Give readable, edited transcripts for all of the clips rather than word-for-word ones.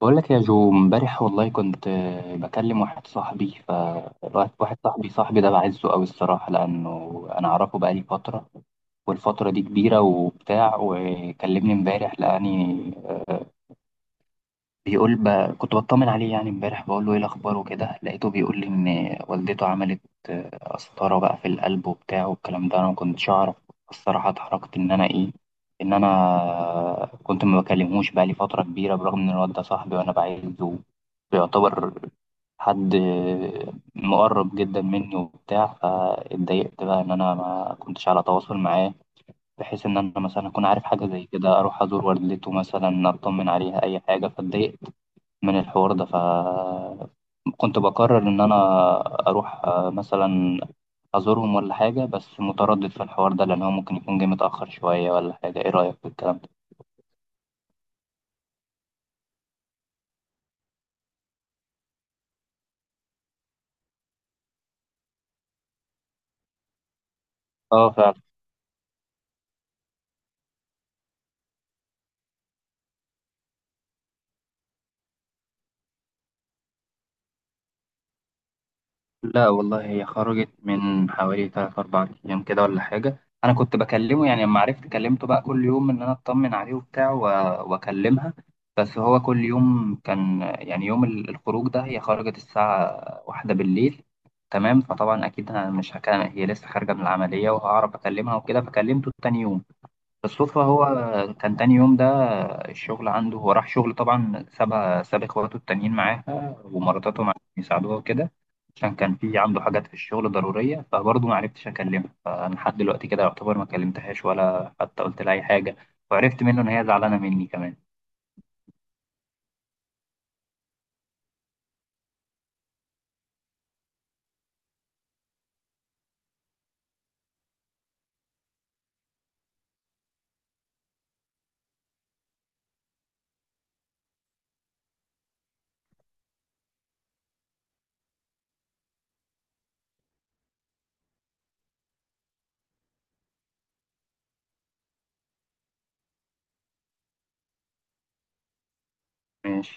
بقول لك يا جو، امبارح والله كنت بكلم واحد صاحبي ده بعزه قوي الصراحة، لأنه أنا أعرفه بقالي فترة، والفترة دي كبيرة وبتاع. وكلمني امبارح، لقاني آه، بيقول ب... كنت بطمن عليه يعني امبارح، بقول له ايه الاخبار وكده. لقيته بيقول لي ان والدته عملت قسطرة بقى في القلب وبتاع والكلام ده، انا ما كنتش اعرف. الصراحة اتحركت ان انا ايه، ان انا كنت ما بكلمهوش بقى لي فترة كبيرة، برغم ان الواد ده صاحبي وانا بعزه، بيعتبر حد مقرب جدا مني وبتاع. فاتضايقت بقى ان انا ما كنتش على تواصل معاه، بحيث ان انا مثلا اكون عارف حاجة زي كده، اروح ازور والدته مثلا، اطمن عليها اي حاجة. فاتضايقت من الحوار ده. فكنت بقرر إن أنا أروح مثلا أزورهم ولا حاجة، بس متردد في الحوار ده، لأن هو ممكن يكون جه متأخر شوية ولا حاجة. إيه رأيك في الكلام ده؟ آه، فعلا. لا والله، هي خرجت من حوالي 3 4 أيام كده ولا حاجة. أنا كنت بكلمه يعني، لما عرفت كلمته بقى كل يوم إن أنا أطمن عليه وبتاع وأكلمها. بس هو كل يوم كان يعني، يوم الخروج ده هي خرجت الساعة 1 بالليل، تمام. فطبعا أكيد أنا مش هكلم، هي لسه خارجة من العملية، وهعرف أكلمها وكده. فكلمته تاني يوم بالصدفة. هو كان تاني يوم ده الشغل عنده، هو راح شغل طبعا، ساب اخواته التانيين معاه ومراتاتهم عشان يساعدوها وكده، عشان كان في عنده حاجات في الشغل ضرورية. فبرضه ما عرفتش اكلمها. فانا لحد دلوقتي كده يعتبر ما كلمتهاش ولا حتى قلت لها اي حاجة. وعرفت منه ان هي زعلانة مني كمان. ماشي.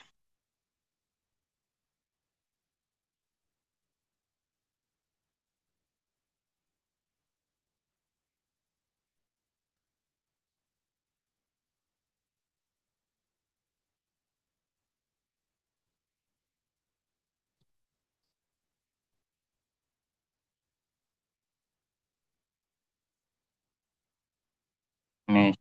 ماشي.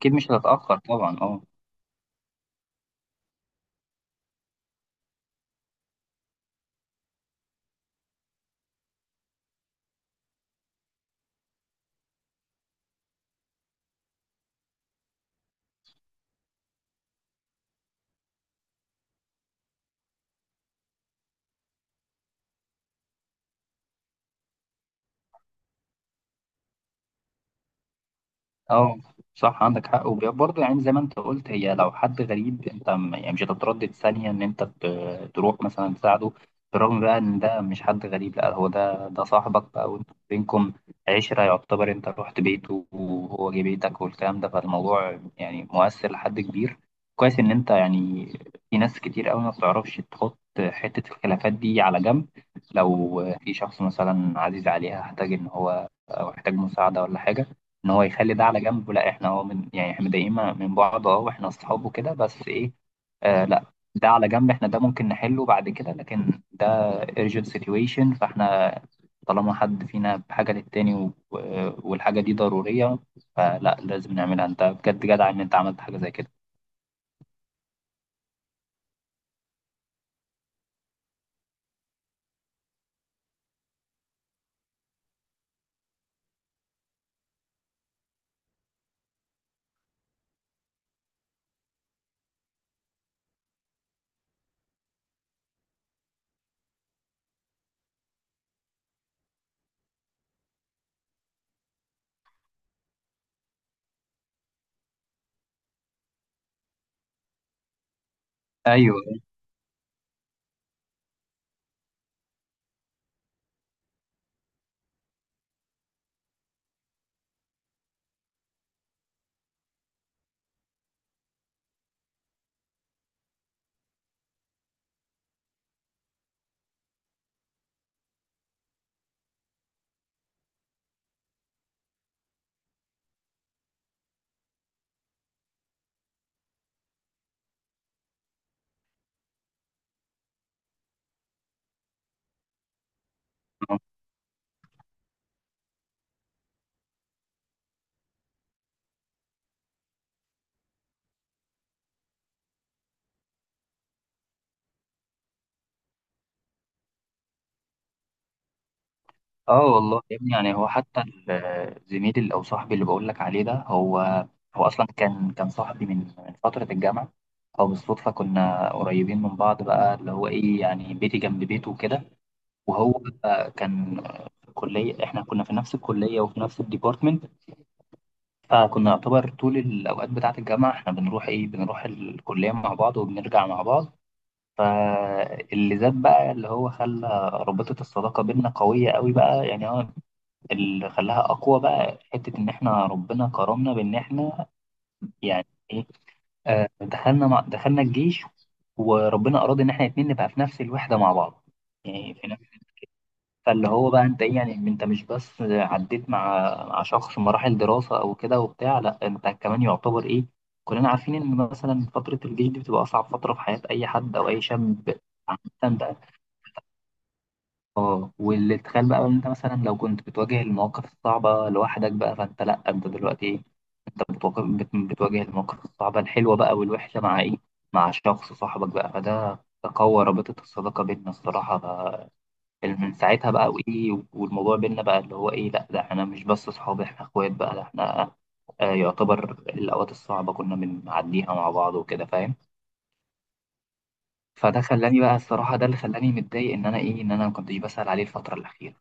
اكيد مش هتتأخر طبعا، اه. اه، صح، عندك حق. وبرضه يعني زي ما انت قلت، هي لو حد غريب انت يعني مش هتتردد ثانية ان انت تروح مثلا تساعده. بالرغم بقى ان ده مش حد غريب، لا هو ده صاحبك بقى، وانتوا بينكم عشرة يعتبر، انت رحت بيته وهو جه بيتك والكلام ده. فالموضوع يعني مؤثر لحد كبير. كويس ان انت يعني، في ناس كتير قوي ما بتعرفش تحط حتة الخلافات دي على جنب. لو في شخص مثلا عزيز عليها احتاج ان هو، او احتاج مساعدة ولا حاجة، ان هو يخلي ده على جنب. لا احنا هو من يعني، احنا مضايقين من بعض اه، واحنا اصحاب وكده، بس ايه، لا، ده على جنب، احنا ده ممكن نحله بعد كده. لكن ده urgent situation، فاحنا طالما حد فينا بحاجة للتاني والحاجة دي ضرورية، فلا، لازم نعملها. انت بجد جدع ان انت عملت حاجة زي كده. ايوه. اه والله يا ابني، يعني هو حتى او صاحبي اللي بقول لك عليه ده، هو هو اصلا كان صاحبي من فتره الجامعه. او بالصدفه كنا قريبين من بعض بقى، اللي هو ايه، يعني بيتي جنب بيته وكده. وهو كان في الكليه، احنا كنا في نفس الكليه وفي نفس الديبارتمنت. فكنا يعتبر طول الاوقات بتاعه الجامعه احنا بنروح ايه، بنروح الكليه مع بعض وبنرجع مع بعض. فاللي زاد بقى، اللي هو خلى رابطه الصداقه بينا قويه قوي بقى يعني، هو اللي خلاها اقوى بقى، حته ان احنا ربنا كرمنا بان احنا يعني ايه، دخلنا الجيش. وربنا اراد ان احنا الاتنين نبقى في نفس الوحده مع بعض، يعني في نفس. فاللي هو بقى انت ايه، يعني انت مش بس عديت مع شخص مراحل دراسه او كده وبتاع، لا انت كمان يعتبر ايه، كلنا عارفين ان مثلا فتره الجيش دي بتبقى اصعب فتره في حياه اي حد او اي شاب عامه. اه. واللي تخيل بقى، ان انت مثلا لو كنت بتواجه المواقف الصعبة لوحدك بقى، فانت لا، انت دلوقتي ايه، انت بتواجه، بتواجه المواقف الصعبة الحلوة بقى والوحشة مع ايه، مع شخص صاحبك بقى، فده قوى رابطة الصداقة بيننا الصراحة بقى. من ساعتها بقى وايه، والموضوع بيننا بقى اللي هو ايه، لا، ده احنا مش بس صحاب، احنا اخوات بقى، ده احنا يعتبر الأوقات الصعبة كنا بنعديها مع بعض وكده، فاهم. فده خلاني بقى الصراحة، ده اللي خلاني متضايق إن أنا إيه، إن أنا ما كنتش بسأل عليه الفترة الأخيرة.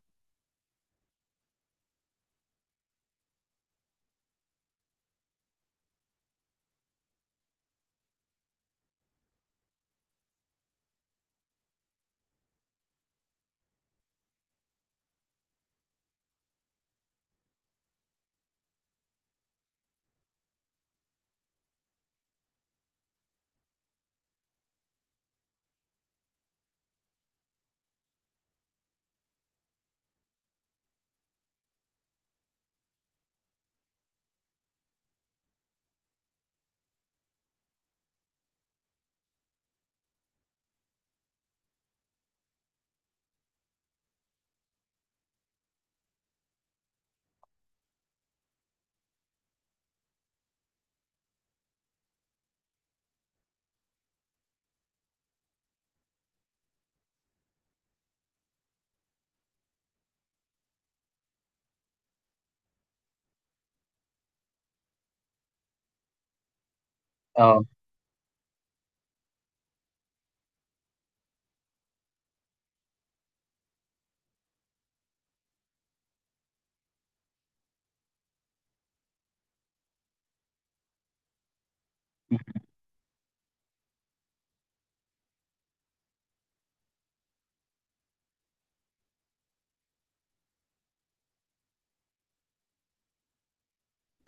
اه.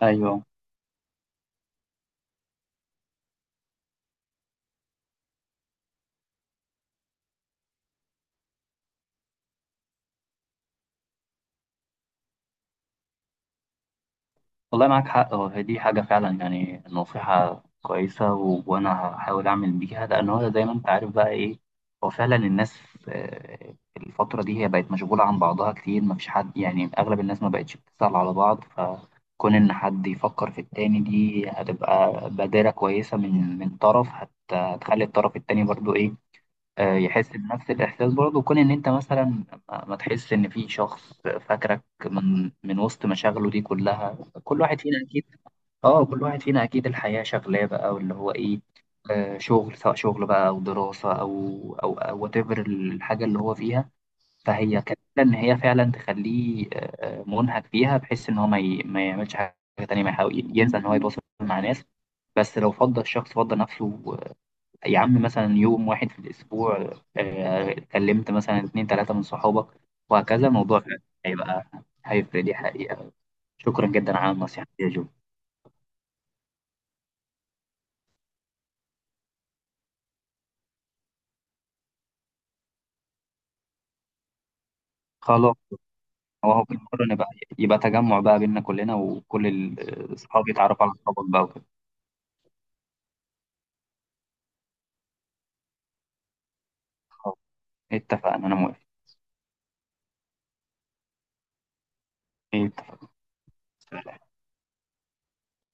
ايوه والله معاك حق. هو هي دي حاجه فعلا يعني نصيحه كويسه، وانا هحاول اعمل بيها، لان هو زي ما انت عارف بقى ايه، هو فعلا الناس الفتره دي هي بقت مشغوله عن بعضها كتير، ما فيش حد يعني اغلب الناس ما بقتش بتسال على بعض. فكون ان حد يفكر في التاني، دي هتبقى بادره كويسه من طرف، هتخلي الطرف التاني برضو ايه، يحس بنفس الإحساس برضه، كون إن أنت مثلا ما تحس إن في شخص فاكرك من وسط مشاغله دي كلها. كل واحد فينا أكيد. كل واحد فينا أكيد الحياة شغلاه بقى، واللي هو إيه، شغل، سواء شغل بقى أو دراسة أو whatever الحاجة اللي هو فيها. فهي كفيلة إن هي فعلا تخليه منهك فيها، بحيث إن هو ما يعملش حاجة تانية، ما يحاول ينسى إن هو يتواصل مع ناس. بس لو فضل الشخص فضل نفسه يا عم، مثلا يوم واحد في الأسبوع كلمت مثلا 2 3 من صحابك، وهكذا الموضوع فعلا هيبقى، هيفرق، دي حقيقة. شكرا جدا على النصيحة دي يا جو. خلاص. وهو بالمرة نبقى، يبقى تجمع بقى بينا كلنا، وكل الأصحاب يتعرفوا على أصحابك بقى وكده. خلاص، اتفقنا، أنا موافق. اتفقنا.